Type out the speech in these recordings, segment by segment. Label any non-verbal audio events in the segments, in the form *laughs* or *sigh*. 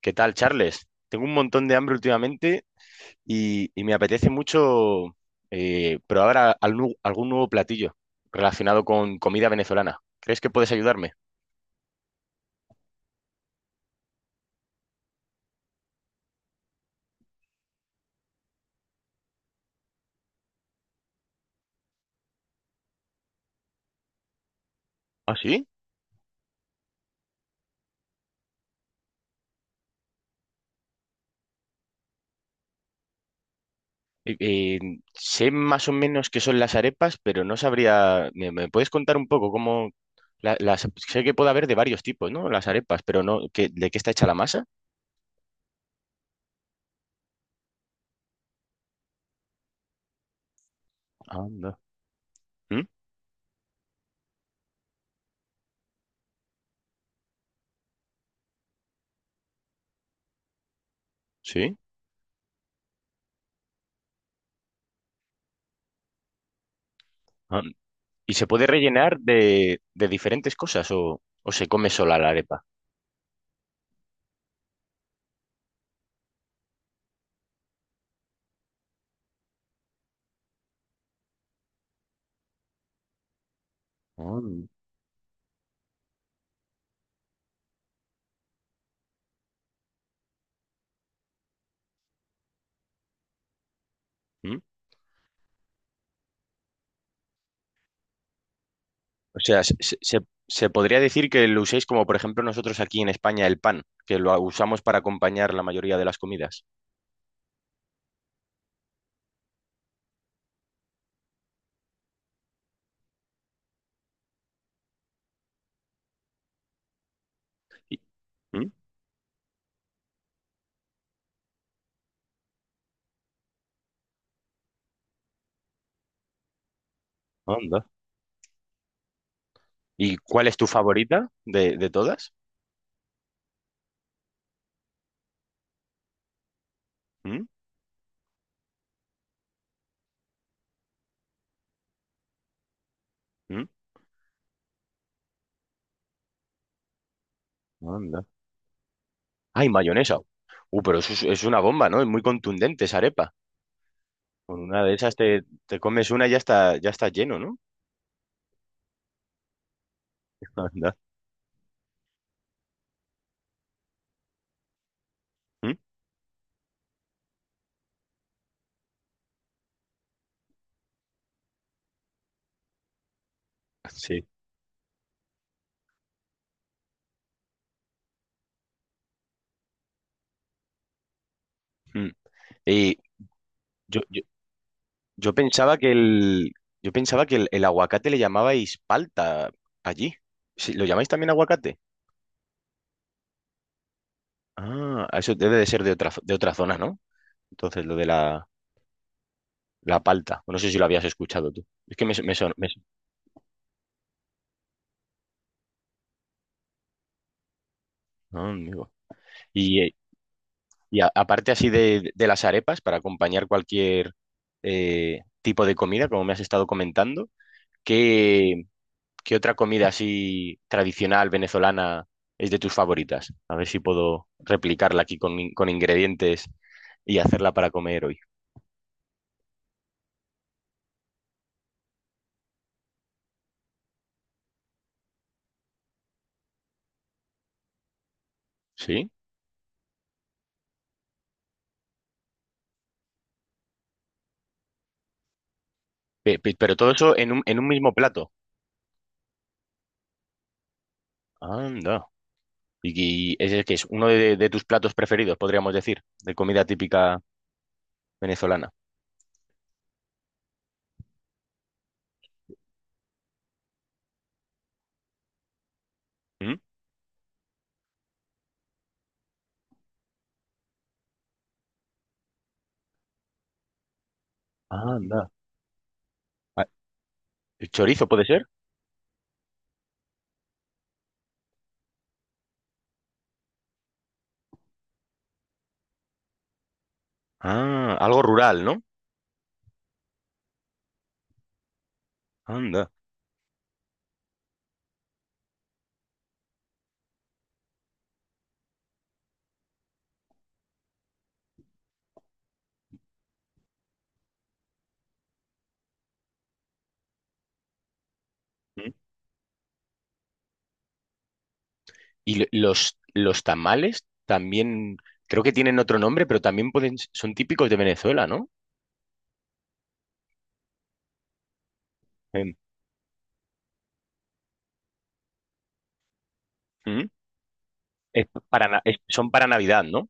¿Qué tal, Charles? Tengo un montón de hambre últimamente y me apetece mucho probar algún nuevo platillo relacionado con comida venezolana. ¿Crees que puedes ayudarme? ¿Ah, sí? Eh, eh, Sé más o menos qué son las arepas, pero no sabría. Me puedes contar un poco cómo la- las sé que puede haber de varios tipos, ¿no? Las arepas, pero no, ¿de qué está hecha la masa? Anda. ¿Mm? ¿Sí? Ah, ¿Y se puede rellenar de diferentes cosas o se come sola la arepa? ¿Mm? O sea, se podría decir que lo uséis como, por ejemplo, nosotros aquí en España el pan, que lo usamos para acompañar la mayoría de las comidas. ¿Y, ¿Mm? Anda. ¿Y cuál es tu favorita de todas? ¿Mm? ¿Mm? Anda. ¡Ay, mayonesa! Pero es una bomba, ¿no? Es muy contundente esa arepa. Con una de esas te comes una y ya está lleno, ¿no? *laughs* Anda. ¿Mm? Sí. Mm. Y yo, Yo pensaba que el, yo pensaba que el aguacate le llamabais palta allí. Sí, ¿lo llamáis también aguacate? Ah, ah, eso debe de ser de de otra zona, ¿no? Entonces, lo de la palta. No sé si lo habías escuchado tú. Es que me, su- me, son- me su- Ah, amigo. Y, eh, aparte así de las arepas, para acompañar cualquier tipo de comida, como me has estado comentando, qué ¿Qué otra comida así tradicional venezolana es de tus favoritas? A ver si puedo replicarla aquí con, con ingredientes y hacerla para comer hoy. ¿Sí? Pero todo eso en un mismo plato. Anda. Y ese que es uno de tus platos preferidos, podríamos decir, de comida típica venezolana. ¿Mm? Anda. Ah, ¿Chorizo puede ser? Ah, algo rural, ¿no? Anda. ¿Mm? Y los tamales también, creo que tienen otro nombre, pero también pueden, son típicos de Venezuela, ¿no? Em, ¿Mm? Es para, son para Navidad, ¿no?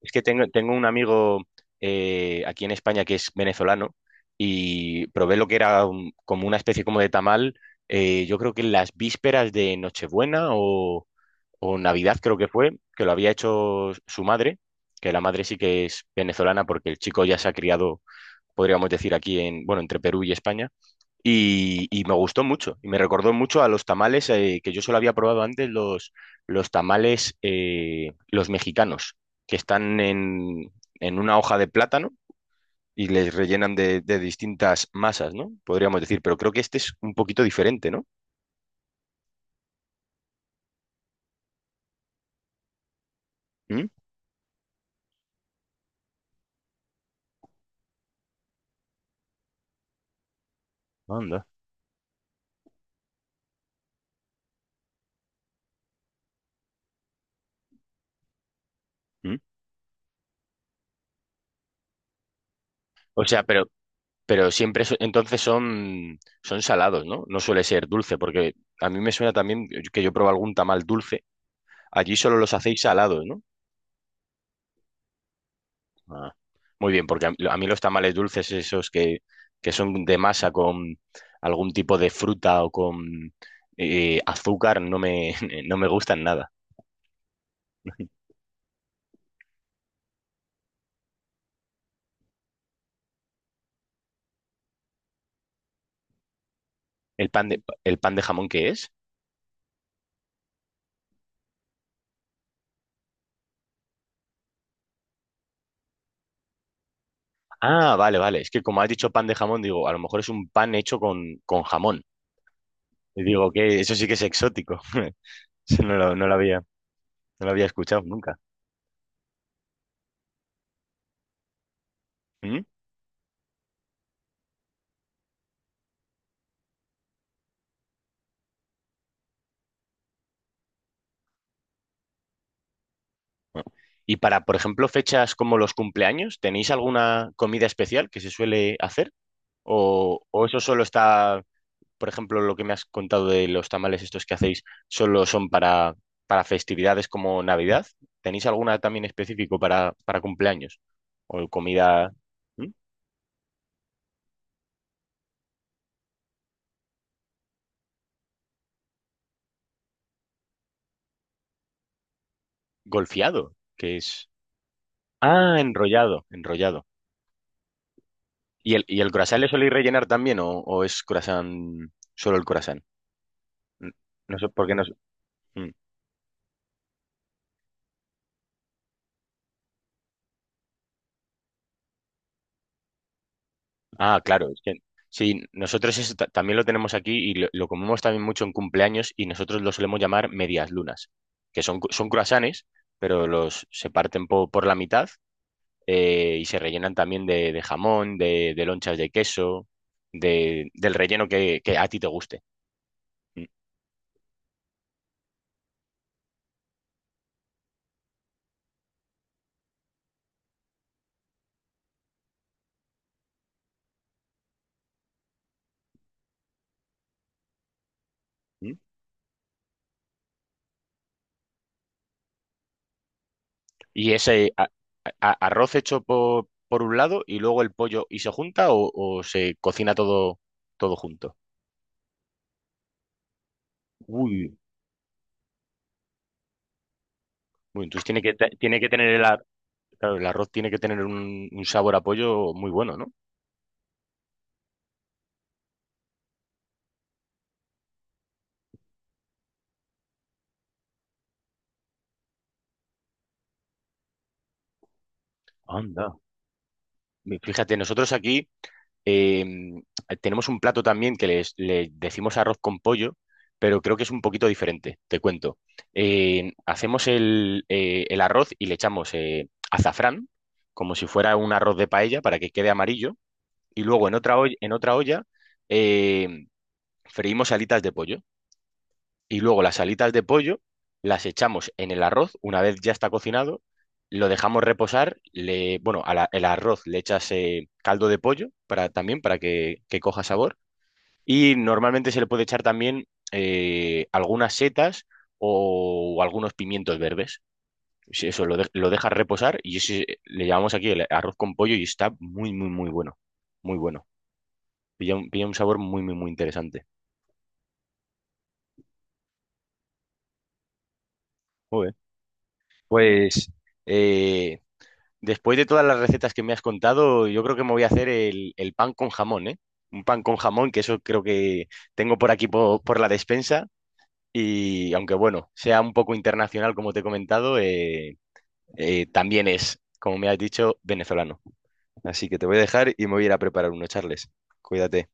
Es que tengo un amigo aquí en España que es venezolano y probé lo que era como una especie como de tamal, yo creo que en las vísperas de Nochebuena o Navidad creo que fue, que lo había hecho su madre, que la madre sí que es venezolana porque el chico ya se ha criado, podríamos decir, aquí en, bueno, entre Perú y España. Y me gustó mucho, y me recordó mucho a los tamales que yo solo había probado antes, los tamales, los mexicanos, que están en una hoja de plátano y les rellenan de distintas masas, ¿no? Podríamos decir, pero creo que este es un poquito diferente, ¿no? ¿Mm? Anda. ¿Mm? O sea, pero entonces son, son salados, ¿no? No suele ser dulce, porque a mí me suena también que yo probé algún tamal dulce. Allí solo los hacéis salados, ¿no? Ah, muy bien, porque a mí los tamales dulces, esos que son de masa con algún tipo de fruta o con azúcar, no me, *laughs* no me gustan nada. ¿El el pan de jamón qué es? Ah, vale, vale. Es que como has dicho pan de jamón, digo, a lo mejor es un pan hecho con jamón. Y digo que eso sí que es exótico. *laughs* No lo había. No lo había escuchado nunca. ¿Mm? Y para, por ejemplo, fechas como los cumpleaños, ¿tenéis alguna comida especial que se suele hacer? O eso solo está, por ejemplo, lo que me has contado de los tamales estos que hacéis, solo son para festividades como Navidad? ¿Tenéis alguna también específico para cumpleaños? ¿O comida ¿Mm? Golfeado, que es... Ah, enrollado, enrollado. ¿Y y el croissant le soléis rellenar también o es croissant, solo el croissant? N- No sé por qué no... sé. ¿Mm? Ah, claro, es que sí, nosotros eso también lo tenemos aquí y lo comemos también mucho en cumpleaños y nosotros lo solemos llamar medias lunas, que son, son croissants, pero los se parten por la mitad y se rellenan también de jamón, de lonchas de queso, de, del relleno que a ti te guste. Mm, mm. Y ese arroz hecho por un lado y luego el pollo y se junta o se cocina todo, todo junto. Uy, uy, entonces tiene que, tiene que tener el, ar- Claro, el arroz tiene que tener un sabor a pollo muy bueno, ¿no? Anda. Fíjate, nosotros aquí em, tenemos un plato también que le decimos arroz con pollo, pero creo que es un poquito diferente, te cuento. Hacemos el arroz y le echamos azafrán, como si fuera un arroz de paella, para que quede amarillo, y luego en en otra olla em, freímos alitas de pollo. Y luego las alitas de pollo las echamos en el arroz una vez ya está cocinado, lo dejamos reposar, le, bueno, al el arroz le echas caldo de pollo para, también para que coja sabor y normalmente se le puede echar también algunas setas o, algunos pimientos verdes. Sí, eso lo, lo dejas reposar y ese le llamamos aquí el arroz con pollo y está muy, muy, muy bueno. Muy bueno. Pilla un sabor muy, muy, muy interesante. Joder. Pues eh, después de todas las recetas que me has contado, yo creo que me voy a hacer el pan con jamón, ¿eh? Un pan con jamón, que eso creo que tengo por aquí por la despensa. Y aunque bueno, sea un poco internacional, como te he comentado, también es, como me has dicho, venezolano. Así que te voy a dejar y me voy a ir a preparar uno, Charles. Cuídate.